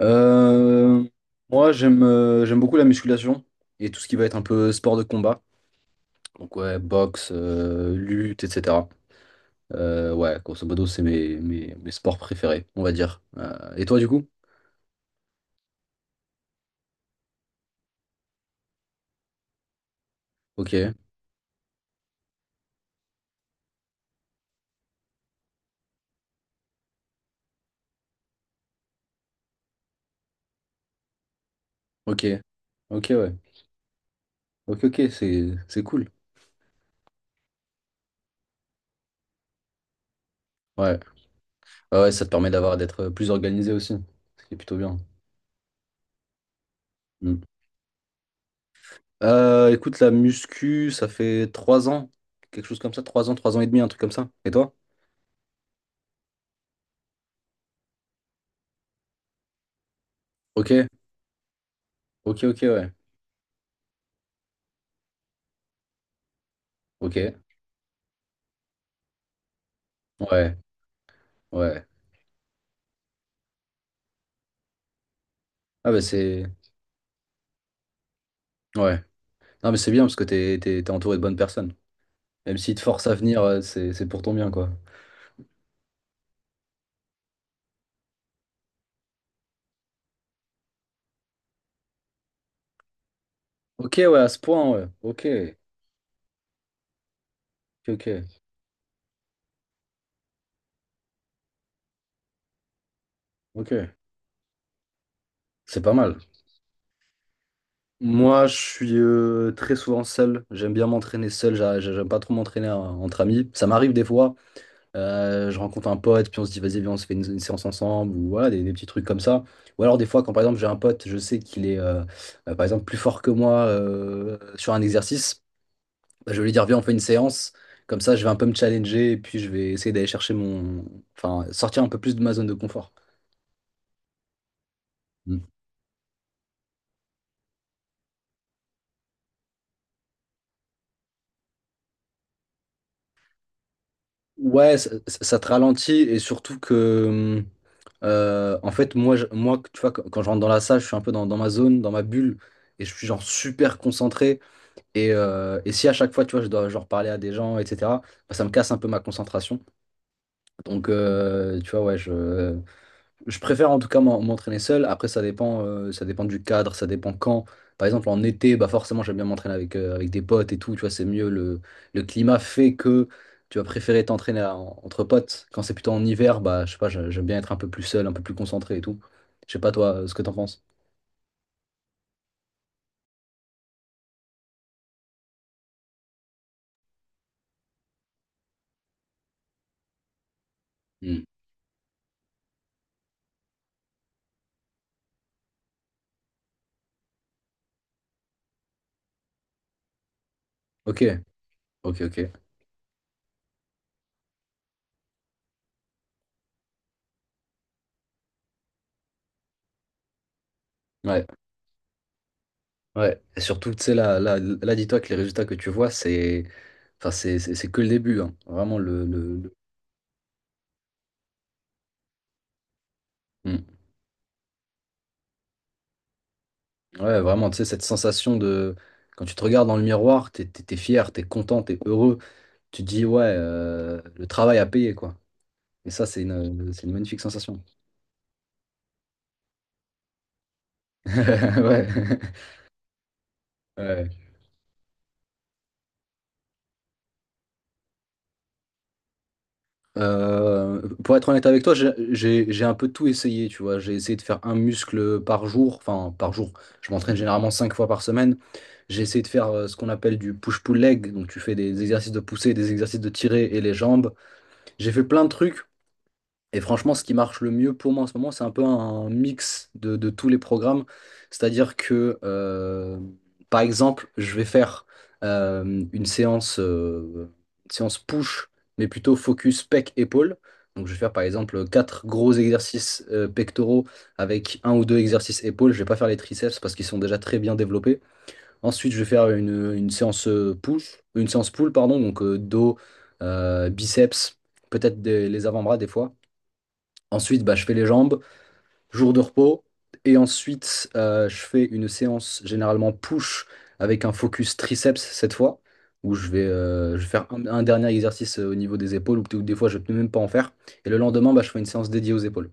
Euh, Moi, j'aime beaucoup la musculation et tout ce qui va être un peu sport de combat. Donc, ouais, boxe, lutte, etc. Ouais, grosso modo, c'est mes sports préférés, on va dire. Et toi, du coup? Ok, ok, ok, ouais. Ok, ok, c'est cool. Ouais. Ah ouais, ça te permet d'être plus organisé aussi, ce qui est plutôt bien. Mm. Écoute, la muscu, ça fait 3 ans, quelque chose comme ça, 3 ans, 3 ans et demi, un truc comme ça. Et toi? Ok, ok, ok, ouais. Ok, ouais. Ouais. Ah bah c'est. Ouais. Non mais c'est bien parce que t'es entouré de bonnes personnes. Même s'ils te forcent à venir, c'est pour ton bien, quoi. Ok, ouais, à ce point, ouais. Ok. Ok, ok. Ok. C'est pas mal. Moi, je suis très souvent seul. J'aime bien m'entraîner seul. J'aime pas trop m'entraîner entre amis. Ça m'arrive des fois. Je rencontre un pote, puis on se dit, vas-y, viens, on se fait une séance ensemble. Ou voilà, des petits trucs comme ça. Ou alors, des fois, quand par exemple, j'ai un pote, je sais qu'il est, par exemple, plus fort que moi sur un exercice. Bah, je vais lui dire, viens, on fait une séance. Comme ça, je vais un peu me challenger et puis je vais essayer d'aller chercher mon. Enfin, sortir un peu plus de ma zone de confort. Mm. Ouais, ça te ralentit et surtout que. En fait, moi, moi, tu vois, quand je rentre dans la salle, je suis un peu dans, ma zone, dans ma bulle et je suis genre super concentré. Et si à chaque fois, tu vois, je dois genre parler à des gens, etc., bah, ça me casse un peu ma concentration. Donc, tu vois, ouais, je. Je préfère en tout cas m'entraîner seul. Après, ça dépend du cadre, ça dépend quand. Par exemple, en été, bah forcément, j'aime bien m'entraîner avec des potes et tout. Tu vois, c'est mieux. Le climat fait que tu vas préférer entre potes. Quand c'est plutôt en hiver, bah je sais pas, j'aime bien être un peu plus seul, un peu plus concentré et tout. Je sais pas, toi, ce que t'en penses. Hmm. Ok, ok, ok. Ouais, ouais. Et surtout, tu sais, là, là, là, dis-toi que les résultats que tu vois, c'est, enfin, c'est que le début, hein. Vraiment. Hmm. Ouais, vraiment, tu sais, cette sensation de. Quand tu te regardes dans le miroir, t'es fier, t'es content, t'es heureux. Tu te dis, ouais, le travail a payé, quoi. Et ça, c'est une magnifique sensation. Ouais. Ouais. Pour être honnête avec toi, j'ai un peu tout essayé, tu vois. J'ai essayé de faire un muscle par jour, enfin par jour. Je m'entraîne généralement cinq fois par semaine. J'ai essayé de faire ce qu'on appelle du push-pull leg, donc tu fais des exercices de poussée, des exercices de tirer et les jambes. J'ai fait plein de trucs. Et franchement, ce qui marche le mieux pour moi en ce moment, c'est un peu un mix de tous les programmes. C'est-à-dire que, par exemple, je vais faire euh, une séance, euh, une séance push, mais plutôt focus pec-épaule. Donc, je vais faire par exemple quatre gros exercices pectoraux avec un ou deux exercices épaules. Je vais pas faire les triceps parce qu'ils sont déjà très bien développés. Ensuite, je vais faire une séance push, une séance pull, pardon, donc dos, biceps, peut-être les avant-bras des fois. Ensuite, bah, je fais les jambes, jour de repos. Et ensuite, je fais une séance généralement push avec un focus triceps cette fois, où je vais faire un dernier exercice au niveau des épaules, ou peut-être des fois je ne peux même pas en faire. Et le lendemain, bah, je fais une séance dédiée aux épaules.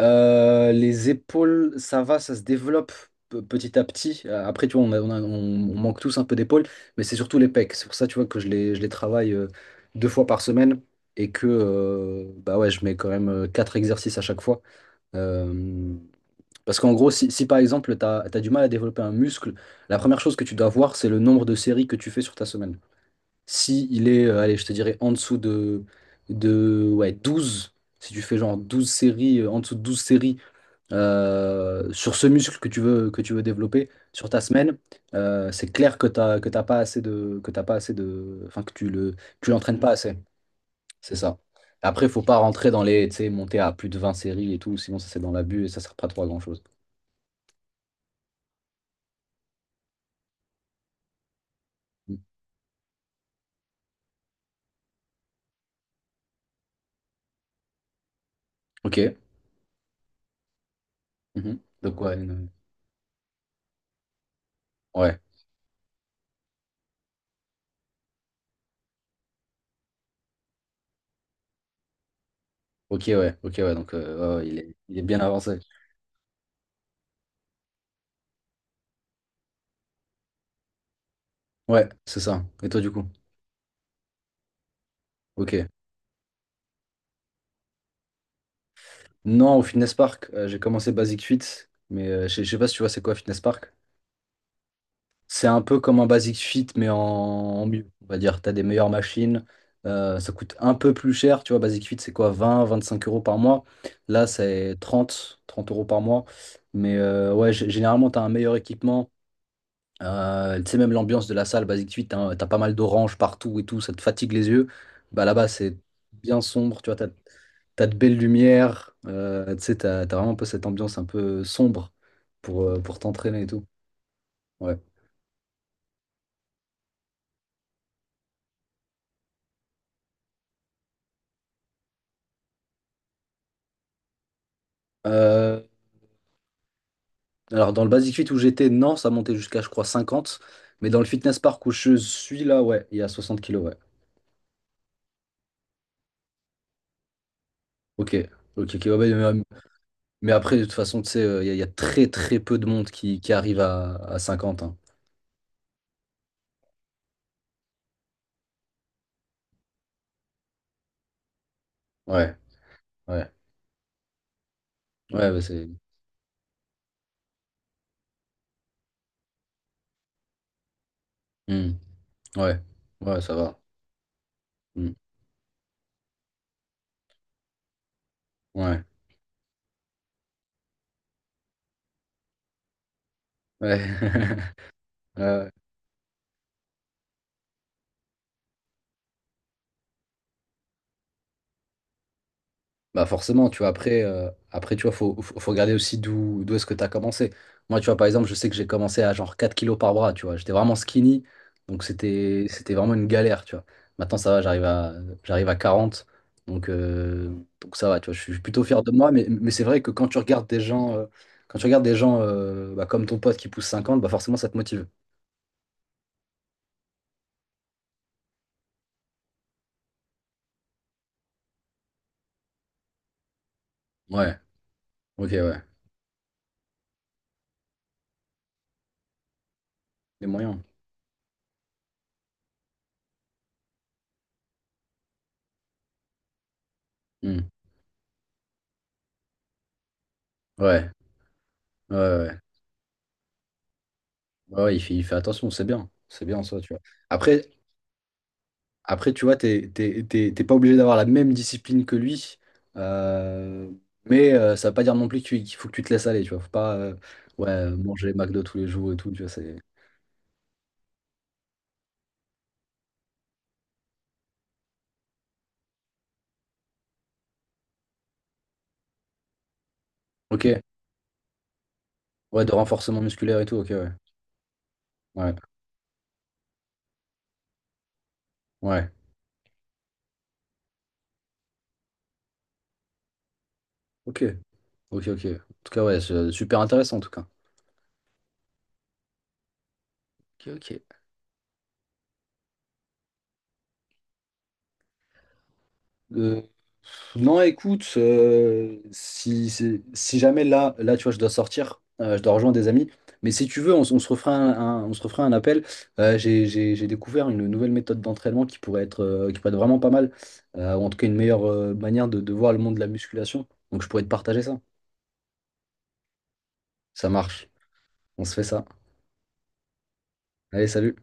Les épaules, ça va, ça se développe petit à petit. Après, tu vois, on manque tous un peu d'épaules, mais c'est surtout les pecs. C'est pour ça, tu vois, que je les travaille deux fois par semaine et que bah ouais, je mets quand même quatre exercices à chaque fois. Euh, Parce qu'en gros, si par exemple, tu as, du mal à développer un muscle, la première chose que tu dois voir, c'est le nombre de séries que tu fais sur ta semaine. Si il est, allez, je te dirais en dessous de, ouais, 12. Si tu fais genre 12 séries, en dessous de 12 séries sur ce muscle que tu veux développer sur ta semaine, c'est clair que t'as pas assez de, enfin, que tu le, tu l'entraînes pas assez. C'est ça. Après, il faut pas rentrer dans les, tu sais, monter à plus de 20 séries et tout, sinon ça c'est dans l'abus et ça sert pas trop à grand-chose. Mm. Ok. Mhm. Donc ouais, ouais. Ok, ouais, ok, ouais. Donc ouais, ouais, il est bien avancé. Ouais, c'est ça. Et toi du coup? Ok. Non, au Fitness Park, j'ai commencé Basic Fit, mais je sais pas si tu vois c'est quoi Fitness Park. C'est un peu comme un Basic Fit, mais en mieux. On va dire, tu as des meilleures machines. Ça coûte un peu plus cher. Tu vois, Basic Fit, c'est quoi? 20-25 € par mois. Là, c'est trente euros par mois. Mais ouais, généralement, tu as un meilleur équipement. Tu sais, même l'ambiance de la salle, Basic Fit, tu as, pas mal d'oranges partout et tout. Ça te fatigue les yeux. Bah, là-bas, c'est bien sombre. Tu vois, tu as, de belles lumières. Tu sais, tu as, vraiment un peu cette ambiance un peu sombre pour t'entraîner et tout. Ouais. Euh, Alors, dans le Basic Fit où j'étais, non, ça montait jusqu'à, je crois, 50. Mais dans le Fitness Park où je suis là, ouais, il y a 60 kilos, ouais. Ok, ok, ok, ouais, ouais, mais après, de toute façon, tu sais, il y a très, très peu de monde qui arrive à 50, hein. Ouais, ouais, ouais, bah, c'est. Hmm, ouais, ouais, ça va. Hmm, ouais, ouais. Ouais, bah forcément, tu vois, après tu vois, faut regarder aussi d'où est-ce que tu as commencé. Moi, tu vois, par exemple, je sais que j'ai commencé à genre 4 kilos par bras, tu vois. J'étais vraiment skinny, donc c'était vraiment une galère, tu vois. Maintenant, ça va, j'arrive à 40, donc, euh, donc ça va, tu vois. Je suis plutôt fier de moi, mais c'est vrai que quand tu regardes des gens bah, comme ton pote qui pousse 50, bah forcément, ça te motive. Ouais, ok, ouais. Les moyens. Hmm. Ouais, ouais, ouais. Ouais, ouais, il fait attention, c'est bien. C'est bien ça, tu vois. Après, Après, tu vois, t'es pas obligé d'avoir la même discipline que lui, euh, mais ça veut pas dire non plus qu'il faut que tu te laisses aller, tu vois. Faut pas ouais, manger McDo tous les jours et tout, tu vois, c'est. Ok, ouais, de renforcement musculaire et tout, ok, ouais. Ouais, ouais, ok, ok, ok. En tout cas, ouais, c'est super intéressant, en tout cas. Ok, ok. Euh, non, écoute, si jamais là, là, tu vois, je dois sortir, je dois rejoindre des amis. Mais si tu veux, on se refera un appel. J'ai découvert une nouvelle méthode d'entraînement qui pourrait être vraiment pas mal, ou en tout cas une meilleure manière de voir le monde de la musculation. Donc je pourrais te partager ça. Ça marche. On se fait ça. Allez, salut.